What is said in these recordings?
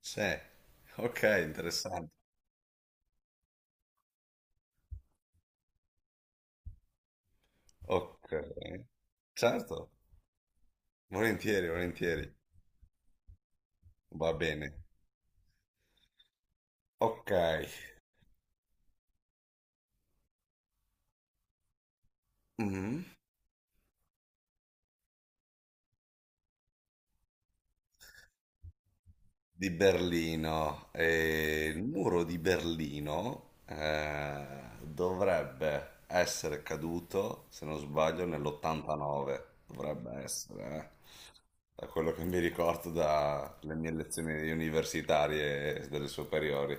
Sì, ok, interessante. Ok, certo, volentieri, volentieri, va bene. Ok, mhm. Di Berlino. Il muro di Berlino dovrebbe essere caduto, se non sbaglio, nell'89. Dovrebbe essere, eh. Da quello che mi ricordo dalle mie lezioni universitarie e delle superiori.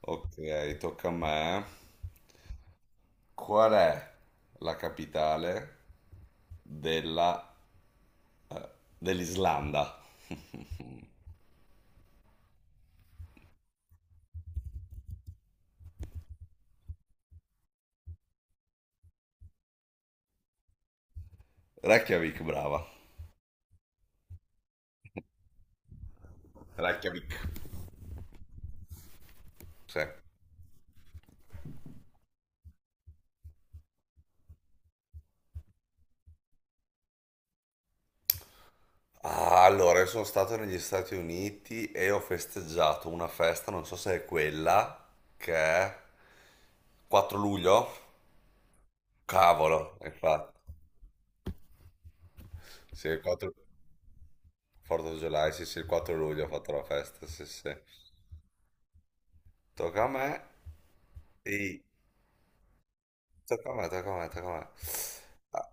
Ok, tocca a me. Qual è la capitale della eh, dell'Islanda? Reykjavik, brava. Reykjavik. Sì. Ah, allora, io sono stato negli Stati Uniti e ho festeggiato una festa, non so se è quella, che è 4 luglio? Cavolo, infatti. Sì, il 4 July, sì, sì, il 4 luglio ho fatto la festa, sì, sì. Tocca a me. E Tocca a me, tocca a me, tocca a me. A-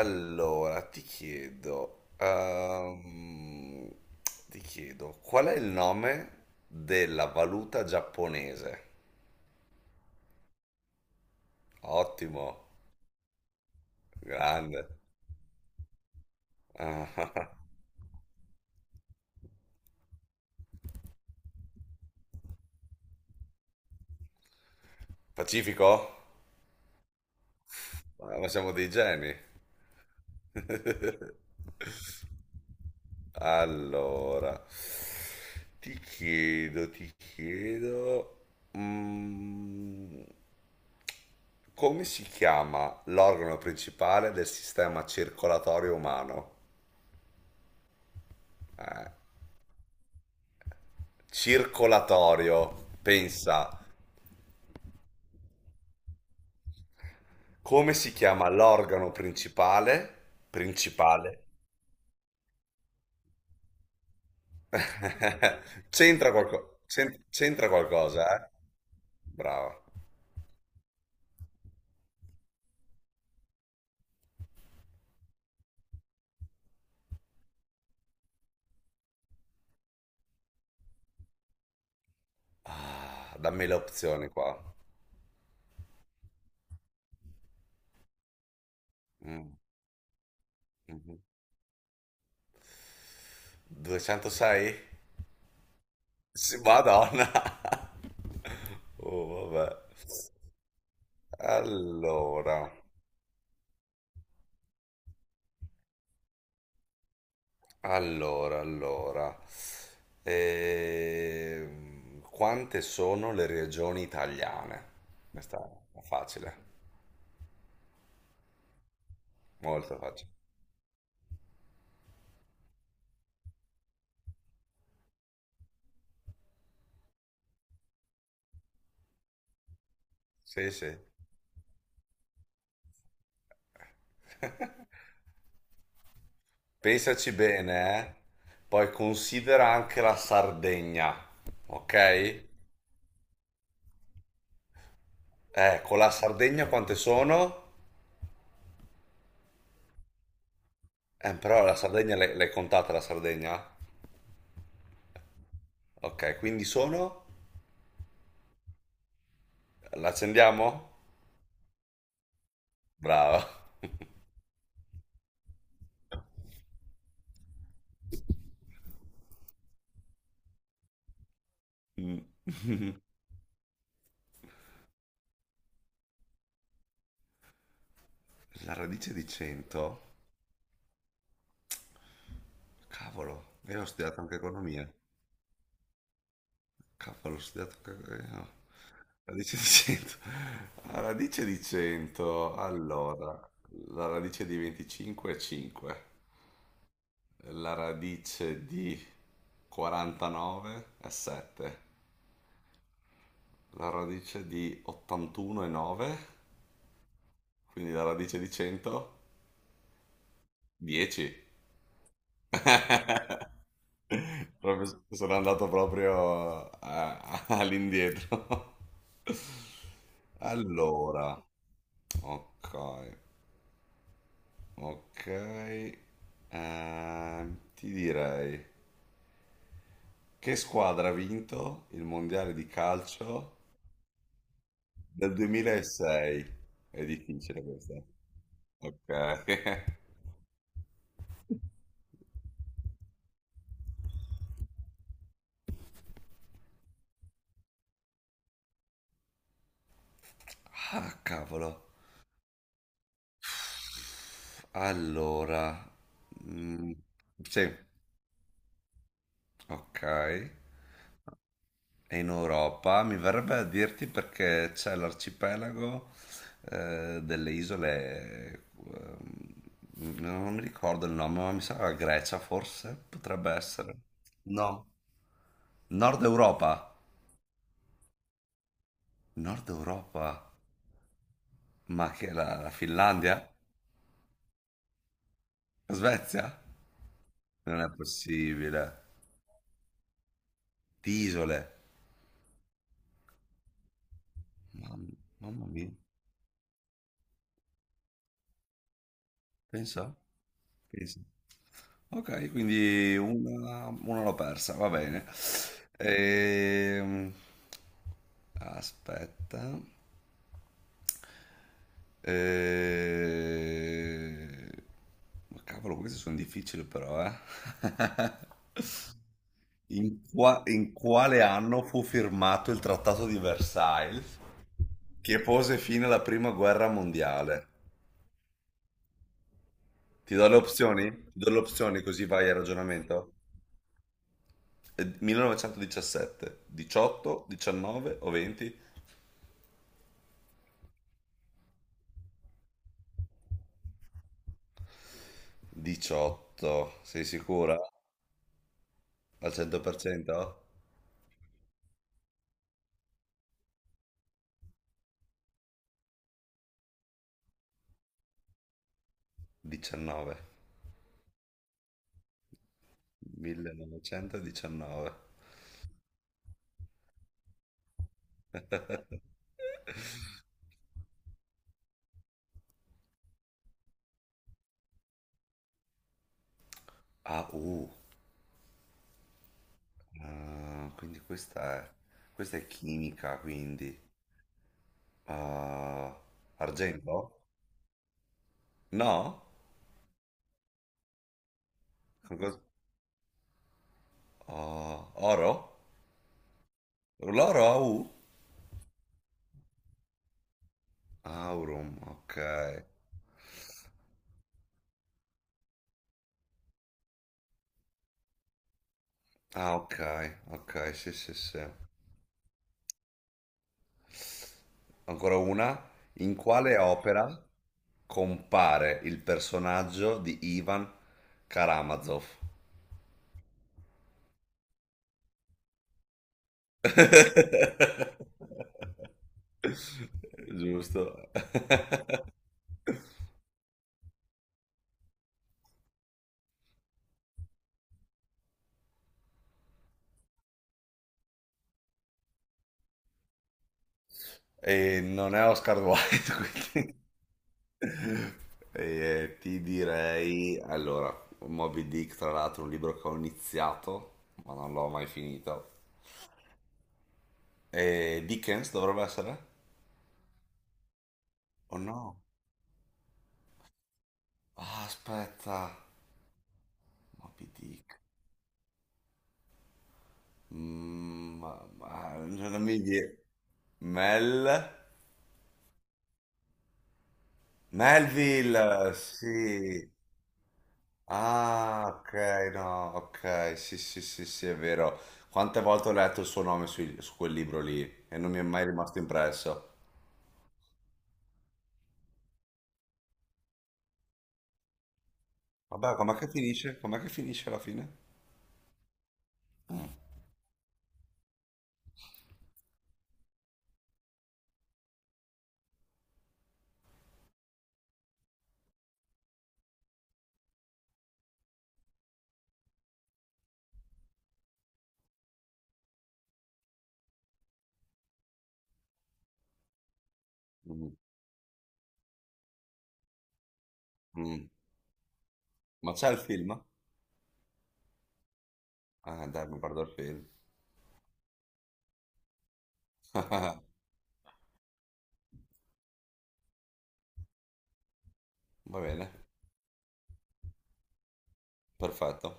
Allora, ti chiedo, qual è il nome della valuta giapponese? Ottimo, grande. Ah, Pacifico? Ah, ma siamo dei geni. Allora, ti chiedo, mm, come si chiama l'organo principale del sistema circolatorio umano? Circolatorio, pensa, come si chiama l'organo principale? Principale. C'entra qualcosa, eh? Brava. Ah, dammi le opzioni qua. Mm, mhm. 206? Sì, Madonna. Oh, vabbè. Allora. Allora, quante sono le regioni italiane? Questa è facile, molto facile. Sì, sì. Pensaci bene, eh? Poi considera anche la Sardegna, ok? Con la Sardegna quante sono? Però la Sardegna l'hai contata la Sardegna? Ok, quindi sono? L'accendiamo? Brava. Mm. La radice di 100? Cavolo, io ho studiato anche economia. Cavolo, ho studiato anche. Eh, no. Radice di 100. La radice di 100, allora, la radice di 25 è 5, la radice di 49 è 7, la radice di 81 è 9, quindi la radice di 100 10. Sono andato proprio all'indietro. Allora, ok, ok, ti direi che squadra ha vinto il mondiale di calcio del 2006? È difficile questa. Ok. Ah, cavolo. Allora, mm, sì, ok. È in Europa, mi verrebbe a dirti perché c'è l'arcipelago delle isole, non mi ricordo il nome, ma mi sa la Grecia forse, potrebbe essere. No, Nord Europa. Nord Europa? Ma che è la Finlandia? La Svezia? Non è possibile. Di isole. Mamma, mamma mia, pensa, pensa. Ok, quindi una l'ho persa, va bene. Ehm, Aspetta. Ehm, ma cavolo, queste sono difficili però, eh. In quale anno fu firmato il Trattato di Versailles che pose fine alla Prima Guerra Mondiale? Ti do le opzioni? Ti do le opzioni così vai al ragionamento? 1917, 18, 19 o 20? 18, sei sicura? Al 100%? 19, 1919. Ah, ah, quindi questa è chimica, quindi. Ah, argento? No? Con cos- ah, oro? L'oro ha U? Aurum, ok. Ah, ok, ok, sì, sì, sì. Ancora una. In quale opera compare il personaggio di Ivan Karamazov? Giusto. E non è Oscar Wilde, quindi. E ti direi, allora, Moby Dick, tra l'altro, un libro che ho iniziato, ma non l'ho mai finito. E Dickens dovrebbe essere? O no? Ah, aspetta. Moby Dick. Ma non mi viene. Mel? Melville, sì. Ah, ok, no, ok, sì, sì, sì, sì, è vero. Quante volte ho letto il suo nome su, quel libro lì e non mi è mai rimasto impresso. Vabbè, com'è che finisce? Com'è che finisce alla fine? Mm, mm. Ma c'è il film? Ah, dai, mi guardo il film. Va bene, perfetto.